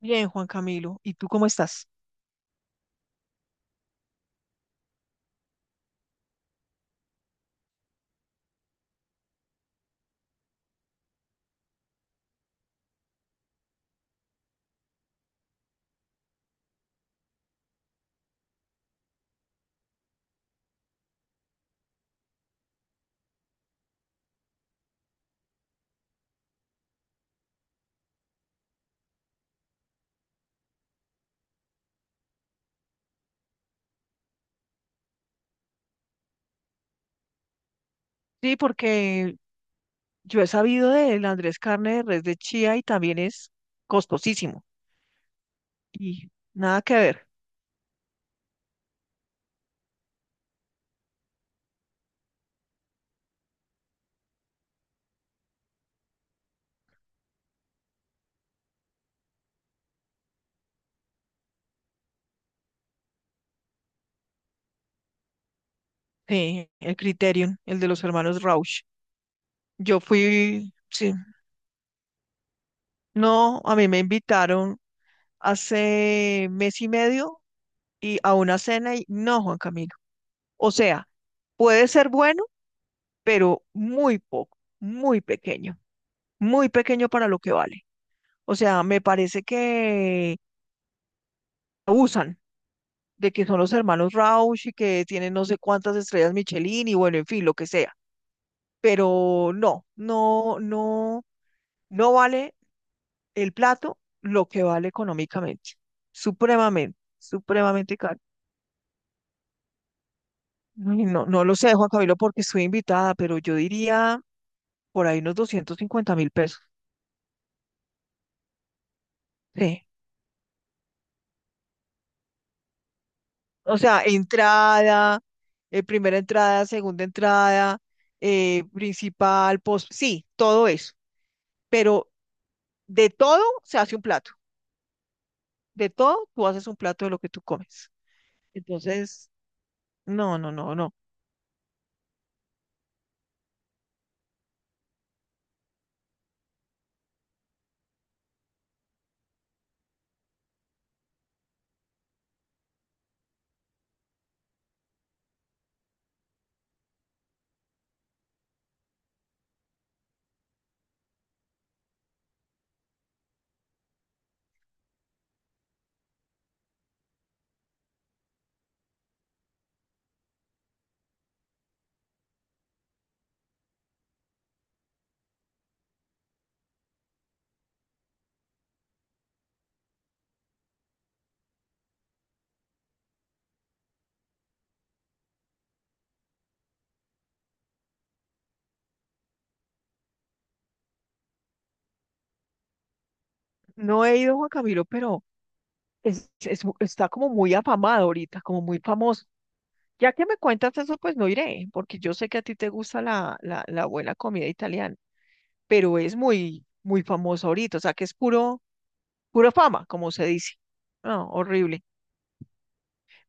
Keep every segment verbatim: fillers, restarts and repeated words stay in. Bien, Juan Camilo, ¿y tú cómo estás? Sí, porque yo he sabido del Andrés Carne de Res de Chía y también es costosísimo. Y nada que ver. Sí, el Criterion, el de los hermanos Rauch. Yo fui, sí, no, a mí me invitaron hace mes y medio y a una cena y no, Juan Camilo. O sea, puede ser bueno, pero muy poco, muy pequeño, muy pequeño para lo que vale. O sea, me parece que abusan de que son los hermanos Rauch y que tienen no sé cuántas estrellas Michelin y bueno, en fin, lo que sea. Pero no, no, no, no vale el plato lo que vale económicamente. Supremamente, supremamente caro. Ay, no, no lo sé, Juan Camilo, porque estoy invitada, pero yo diría por ahí unos doscientos cincuenta mil pesos. Sí. O sea, entrada, eh, primera entrada, segunda entrada, eh, principal, post, sí, todo eso. Pero de todo se hace un plato. De todo tú haces un plato de lo que tú comes. Entonces, no, no, no, no. No he ido a Juan Camilo, pero es, es mu- está como muy afamado ahorita, como muy famoso. Ya que me cuentas eso, pues no iré, porque yo sé que a ti te gusta la, la, la buena comida italiana, pero es muy, muy famosa ahorita, o sea que es puro, pura fama, como se dice. No, horrible.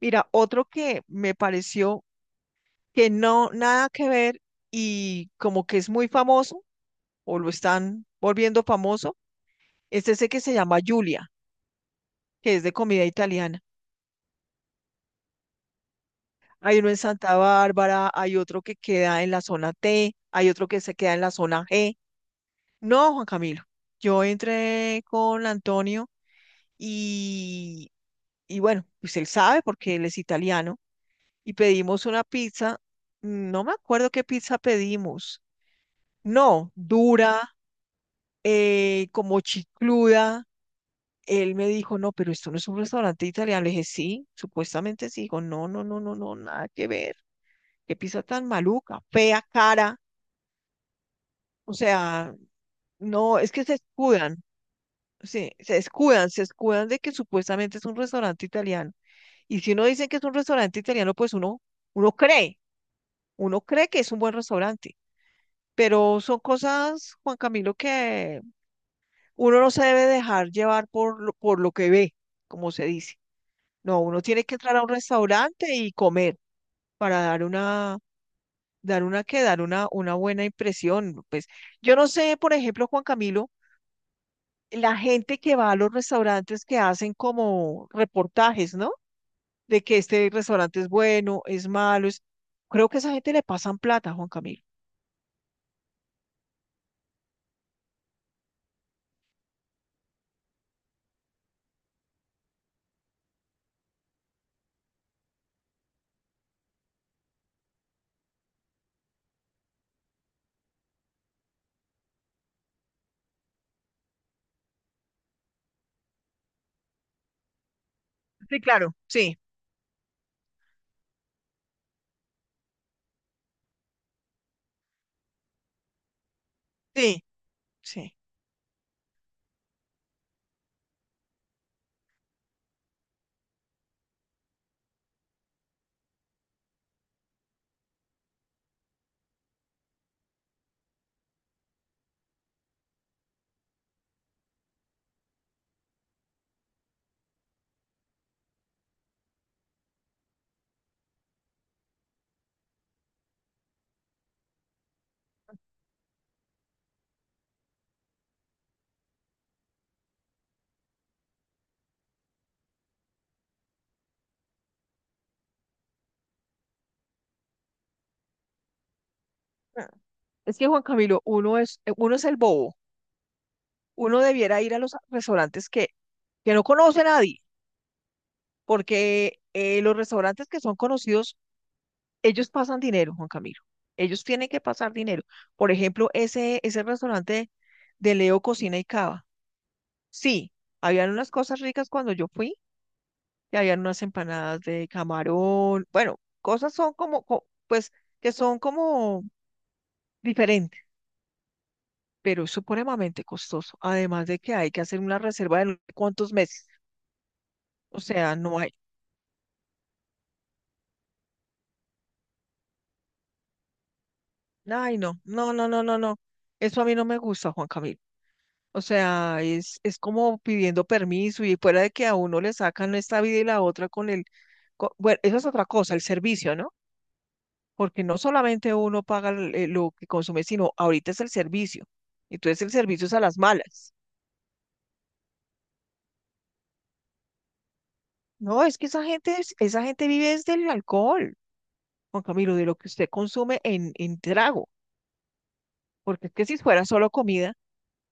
Mira, otro que me pareció que no, nada que ver y como que es muy famoso, o lo están volviendo famoso, es ese que se llama Julia, que es de comida italiana. Hay uno en Santa Bárbara, hay otro que queda en la zona T, hay otro que se queda en la zona G. No, Juan Camilo. Yo entré con Antonio y, y bueno, pues él sabe porque él es italiano y pedimos una pizza. No me acuerdo qué pizza pedimos. No, dura, eh, como chicluda. Él me dijo, no, pero esto no es un restaurante italiano. Le dije, sí, supuestamente sí. Dijo, no, no, no, no, no, nada que ver. Qué pizza tan maluca, fea, cara. O sea, no, es que se escudan. Sí, se escudan, se escudan de que supuestamente es un restaurante italiano. Y si uno dice que es un restaurante italiano, pues uno, uno cree, uno cree que es un buen restaurante. Pero son cosas, Juan Camilo, que uno no se debe dejar llevar por lo, por lo que ve, como se dice. No, uno tiene que entrar a un restaurante y comer para dar una, dar una que dar una, una buena impresión. Pues yo no sé, por ejemplo, Juan Camilo, la gente que va a los restaurantes que hacen como reportajes, ¿no? De que este restaurante es bueno, es malo. Es. Creo que a esa gente le pasan plata, Juan Camilo. Sí, claro, sí, sí, sí. Ah. Es que Juan Camilo, uno es, eh, uno es el bobo. Uno debiera ir a los restaurantes que, que no conoce nadie, porque eh, los restaurantes que son conocidos, ellos pasan dinero, Juan Camilo. Ellos tienen que pasar dinero. Por ejemplo, ese, ese restaurante de Leo Cocina y Cava. Sí, habían unas cosas ricas cuando yo fui, y habían unas empanadas de camarón, bueno, cosas son como, co- pues, que son como diferentes, pero es supremamente costoso, además de que hay que hacer una reserva de no sé cuántos meses, o sea, no hay, ay, no, no, no, no, no, no, eso a mí no me gusta, Juan Camilo. O sea, es, es como pidiendo permiso y fuera de que a uno le sacan esta vida y la otra con el, co- bueno, eso es otra cosa, el servicio, ¿no? Porque no solamente uno paga el- eh, lo que consume, sino ahorita es el servicio. Entonces el servicio es a las malas. No, es que esa gente, es- esa gente vive desde el alcohol, Juan Camilo, de lo que usted consume en, en trago, porque es que si fuera solo comida,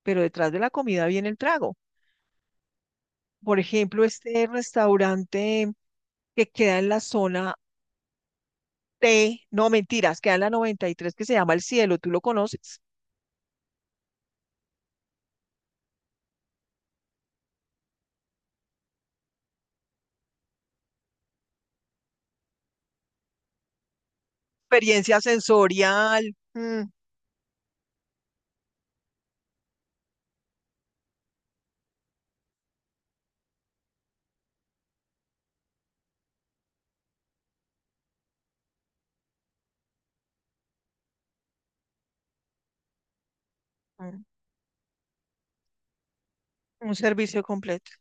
pero detrás de la comida viene el trago. Por ejemplo, este restaurante que queda en la zona T, no mentiras, queda en la noventa y tres que se llama El Cielo, tú lo conoces. Experiencia sensorial, mm, mm, un servicio completo.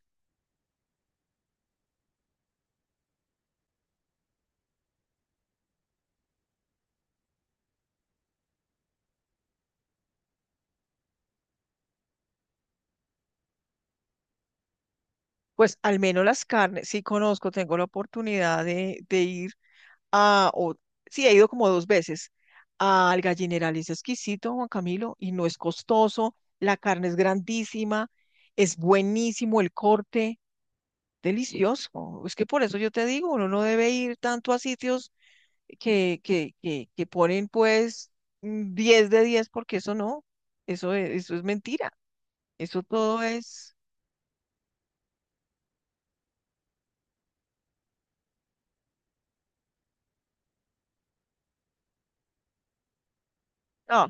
Pues al menos las carnes, sí conozco, tengo la oportunidad de, de ir a, o, sí, he ido como dos veces al Gallineral, es exquisito, Juan Camilo, y no es costoso, la carne es grandísima, es buenísimo el corte, delicioso. Es que por eso yo te digo, uno no debe ir tanto a sitios que, que, que, que ponen pues mm, diez de diez porque eso no, eso, es- eso es mentira, eso todo es. Ah,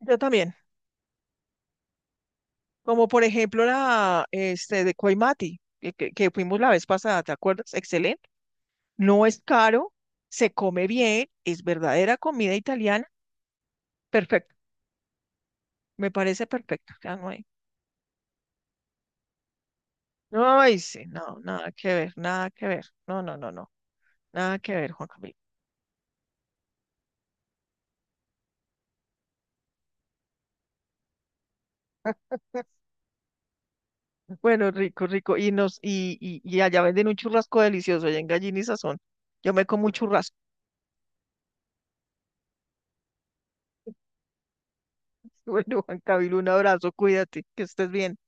yo también. Como por ejemplo la este, de Coimati, que, que- que fuimos la vez pasada, ¿te acuerdas? Excelente. No es caro, se come bien, es verdadera comida italiana. Perfecto, me parece perfecto. Ya no hay. No, ay, sí, no, nada que ver, nada que ver. No, no, no, no, nada que ver, Juan Camilo. Bueno, rico, rico. Y nos, y, y, y allá venden un churrasco delicioso, allá en Gallina y Sazón. Yo me como un churrasco. Bueno, Juan Camilo, un abrazo, cuídate, que estés bien.